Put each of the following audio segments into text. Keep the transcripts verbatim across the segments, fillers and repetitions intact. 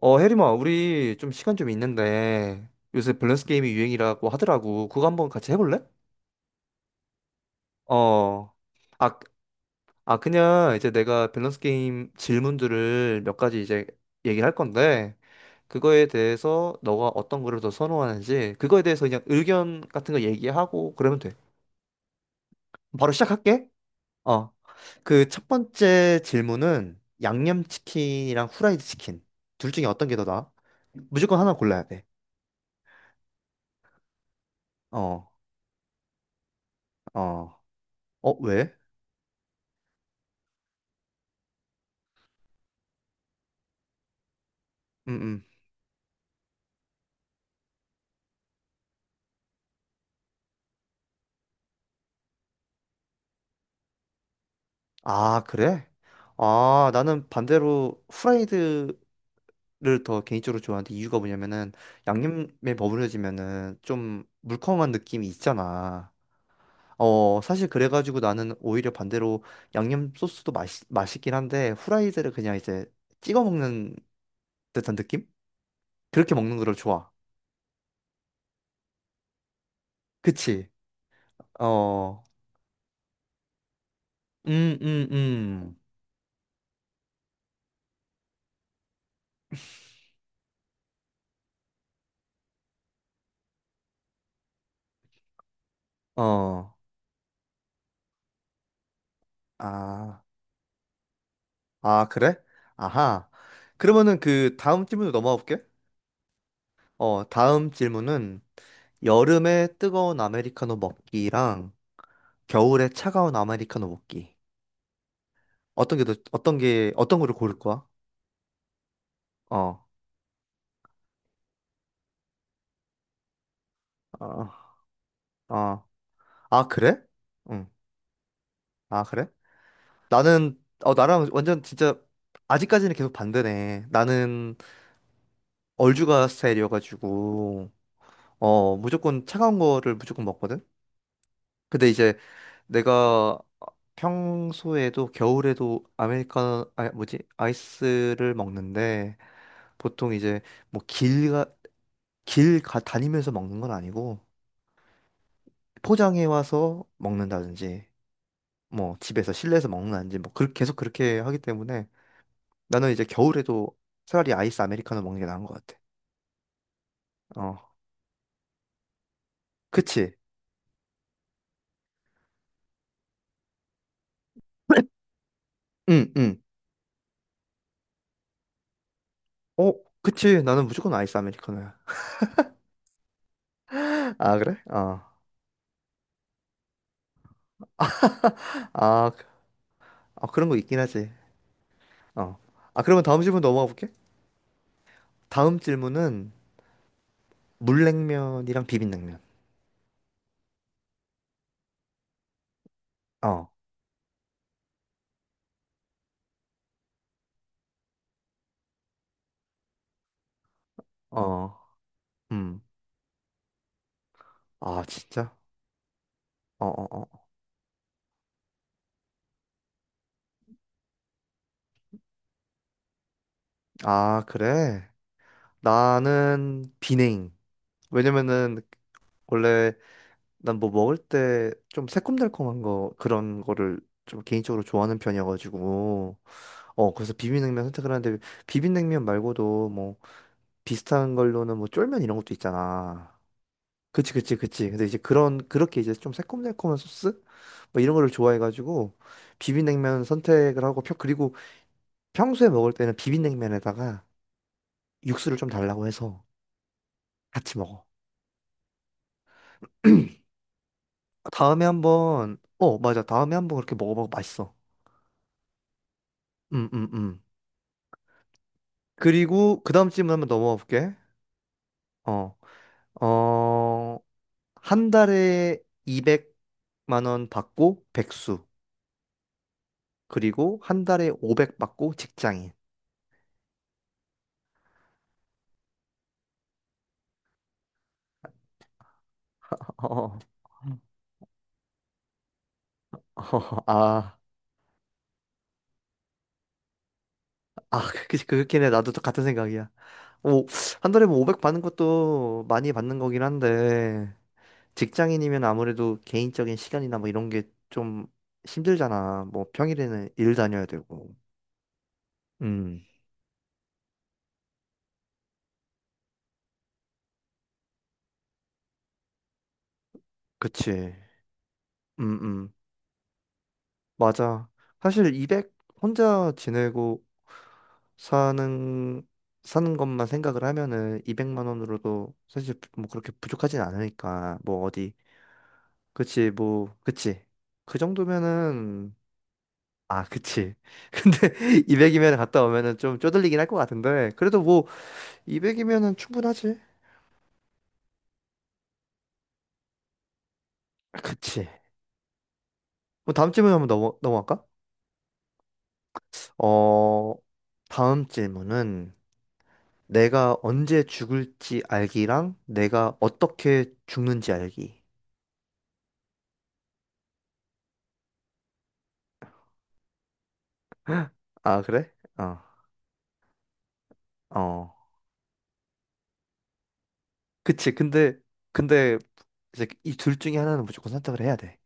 어, 혜림아, 우리 좀 시간 좀 있는데 요새 밸런스 게임이 유행이라고 하더라고. 그거 한번 같이 해볼래? 어. 아, 아, 그냥 이제 내가 밸런스 게임 질문들을 몇 가지 이제 얘기할 건데 그거에 대해서 너가 어떤 거를 더 선호하는지 그거에 대해서 그냥 의견 같은 거 얘기하고 그러면 돼. 바로 시작할게. 어. 그 첫 번째 질문은 양념치킨이랑 후라이드 치킨 둘 중에 어떤 게 더 나아? 무조건 하나 골라야 돼. 어. 어. 어, 왜? 음, 음. 아, 그래? 아, 나는 반대로 후라이드를 더 개인적으로 좋아하는데 이유가 뭐냐면은 양념에 버무려지면은 좀 물컹한 느낌이 있잖아. 어, 사실 그래가지고 나는 오히려 반대로 양념 소스도 맛있, 맛있긴 한데 후라이드를 그냥 이제 찍어 먹는 듯한 느낌? 그렇게 먹는 거를 좋아. 그치? 어, 음, 음, 음. 어, 아. 아, 그래? 아하. 그러면은 그 다음 질문으로 넘어가 볼게. 어, 다음 질문은 여름에 뜨거운 아메리카노 먹기랑 겨울에 차가운 아메리카노 먹기. 어떤 게 더, 어떤 게, 어떤 거를 고를 거야? 어, 어, 어. 아, 그래? 응. 아, 그래? 나는, 어, 나랑 완전 진짜 아직까지는 계속 반대네. 나는 얼죽아 스타일이어가지고, 어, 무조건 차가운 거를 무조건 먹거든? 근데 이제 내가 평소에도 겨울에도 아메리카노 아 뭐지 아이스를 먹는데 보통 이제 뭐 길가 길 가, 다니면서 먹는 건 아니고 포장해 와서 먹는다든지 뭐 집에서 실내에서 먹는다든지 뭐 그렇게 계속 그렇게 하기 때문에 나는 이제 겨울에도 차라리 아이스 아메리카노 먹는 게 나은 것 같아. 어, 그치? 응, 응. 어, 그치. 나는 무조건 아이스 아메리카노야. 아, 그래? 어. 아, 그- 아, 그런 거 있긴 하지. 어. 아, 그러면 다음 질문 넘어가 볼게. 다음 질문은 물냉면이랑 비빔냉면. 어, 어, 음. 아, 진짜? 어, 어, 어. 아, 그래? 나는 비냉. 왜냐면은 원래 난 뭐 먹을 때 좀 새콤달콤한 거 그런 거를 좀 개인적으로 좋아하는 편이어가지고 어 그래서 비빔냉면 선택을 하는데 비빔냉면 말고도 뭐 비슷한 걸로는 뭐 쫄면 이런 것도 있잖아. 그치, 그치, 그치. 근데 이제 그런, 그렇게 이제 좀 새콤달콤한 소스? 뭐 이런 거를 좋아해가지고, 비빔냉면 선택을 하고, 펴, 그리고 평소에 먹을 때는 비빔냉면에다가 육수를 좀 달라고 해서 같이 먹어. 다음에 한번, 어, 맞아. 다음에 한번 그렇게 먹어봐도 맛있어. 음, 음, 음. 그리고 그 다음 질문 한번 넘어가 볼게. 어, 어, 한 달에 이백만 원 받고 백수. 그리고 한 달에 오백 받고 직장인. 어, 어, 아. 아, 그, 그렇긴 해. 나도 또 같은 생각이야. 오, 한 달에 뭐 오백 받는 것도 많이 받는 거긴 한데, 직장인이면 아무래도 개인적인 시간이나 뭐 이런 게 좀 힘들잖아. 뭐 평일에는 일 다녀야 되고. 음, 그치. 음, 음, 맞아. 사실 이백 혼자 지내고 사는, 사는 것만 생각을 하면은 이백만 원으로도 사실 뭐 그렇게 부족하진 않으니까. 뭐 어디. 그치, 뭐, 그치. 그 정도면은 아, 그치. 근데 이백이면 갔다 오면은 좀 쪼들리긴 할 것 같은데 그래도 뭐 이백이면은 충분하지. 그치. 뭐 다음 질문 한번 넘어 넘어갈까? 어, 다음 질문은 내가 언제 죽을지 알기랑 내가 어떻게 죽는지 알기. 아, 그래? 어, 어. 그치. 근데 근데 이제 이 둘 중에 하나는 무조건 선택을 해야 돼.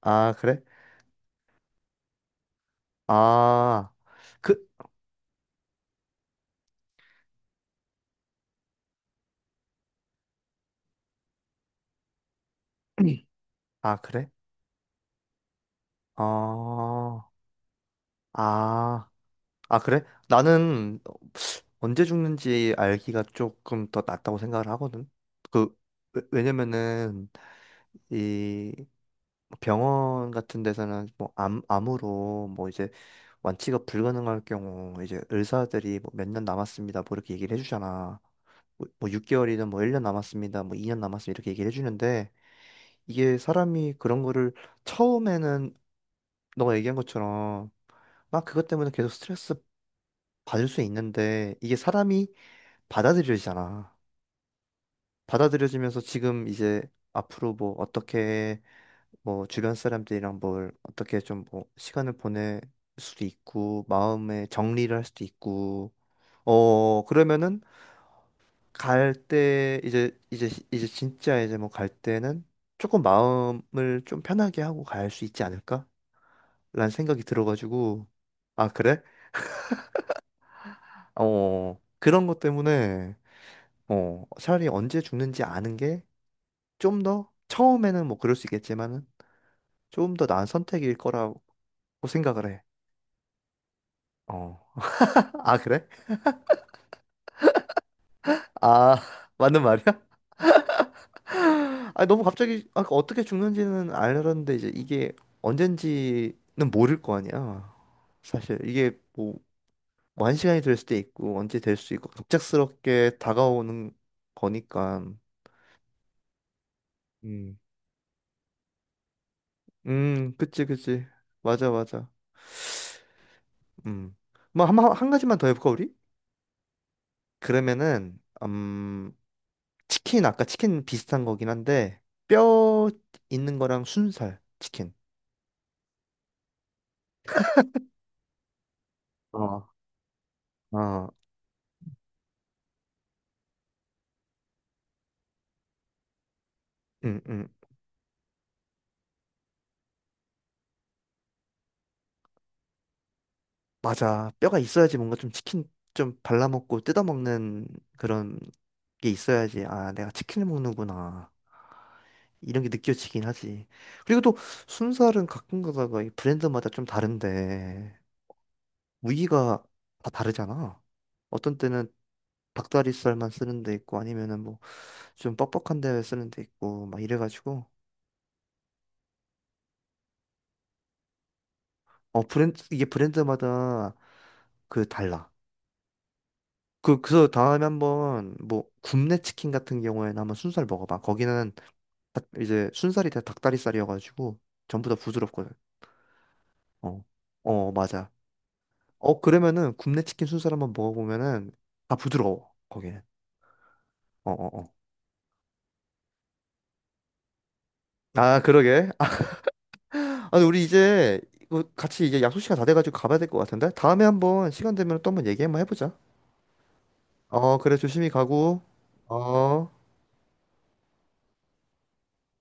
아, 그래? 아, 그, 아, 그래? 어, 아. 아, 그래? 나는 언제 죽는지 알기가 조금 더 낫다고 생각을 하거든. 그, 왜- 왜냐면은 이 병원 같은 데서는 뭐 암, 암으로 뭐 이제 완치가 불가능할 경우 이제 의사들이 뭐 몇 년 남았습니다. 뭐 이렇게 얘기를 해주잖아. 뭐, 뭐 육 개월이든 뭐 일 년 남았습니다. 뭐 이 년 남았습니다. 이렇게 얘기를 해주는데 이게 사람이 그런 거를 처음에는 너가 얘기한 것처럼 막 그것 때문에 계속 스트레스 받을 수 있는데 이게 사람이 받아들여지잖아. 받아들여지면서 지금 이제 앞으로 뭐 어떻게 뭐 주변 사람들이랑 뭘 어떻게 좀 뭐 시간을 보낼 수도 있고 마음의 정리를 할 수도 있고 어 그러면은 갈 때 이제 이제 이제 진짜 이제 뭐 갈 때는 조금 마음을 좀 편하게 하고 갈 수 있지 않을까? 라는 생각이 들어가지고. 아, 그래? 어 그런 것 때문에 어 차라리 언제 죽는지 아는 게 좀 더 처음에는 뭐 그럴 수 있겠지만은 좀 더 나은 선택일 거라고 생각을 해. 어. 아, 그래? 아, 맞는 말이야? 아, 너무 갑자기 아, 그 어떻게 죽는지는 알았는데 이제 이게 언젠지는 모를 거 아니야. 사실 이게 뭐 완시간이 될 수도 있고 언제 될 수 있고 갑작스럽게 다가오는 거니까. 음. 음, 그치, 그치. 맞아, 맞아. 음. 뭐 한, 한 가지만 더 해볼까 우리? 그러면은 음 치킨, 아까 치킨 비슷한 거긴 한데, 뼈 있는 거랑 순살, 치킨. 어, 어, 응, 응. 맞아. 뼈가 있어야지 뭔가 좀 치킨 좀 발라먹고 뜯어먹는 그런 게 있어야지. 아, 내가 치킨을 먹는구나. 이런 게 느껴지긴 하지. 그리고 또 순살은 가끔 가다가 이 브랜드마다 좀 다른데, 무늬가 다 다르잖아. 어떤 때는 닭다리살만 쓰는 데 있고, 아니면은 뭐 좀 뻑뻑한 데 쓰는 데 있고, 막 이래가지고. 어, 브랜드, 이게 브랜드마다 그 달라. 그, 그래서 다음에 한번 뭐 굽네 치킨 같은 경우에는 한번 순살 먹어봐. 거기는 다- 이제 순살이 다 닭다리살이어가지고 전부 다 부드럽거든. 어, 어, 맞아. 어, 그러면은 굽네 치킨 순살 한번 먹어보면은 다 부드러워. 거기는. 어, 어, 어. 아, 그러게. 아, 아니, 우리 이제 이거 같이 이제 약속 시간 다 돼가지고 가봐야 될 것 같은데? 다음에 한번 시간 되면 또 한번 얘기 한번 해보자. 어, 그래, 조심히 가고. 어.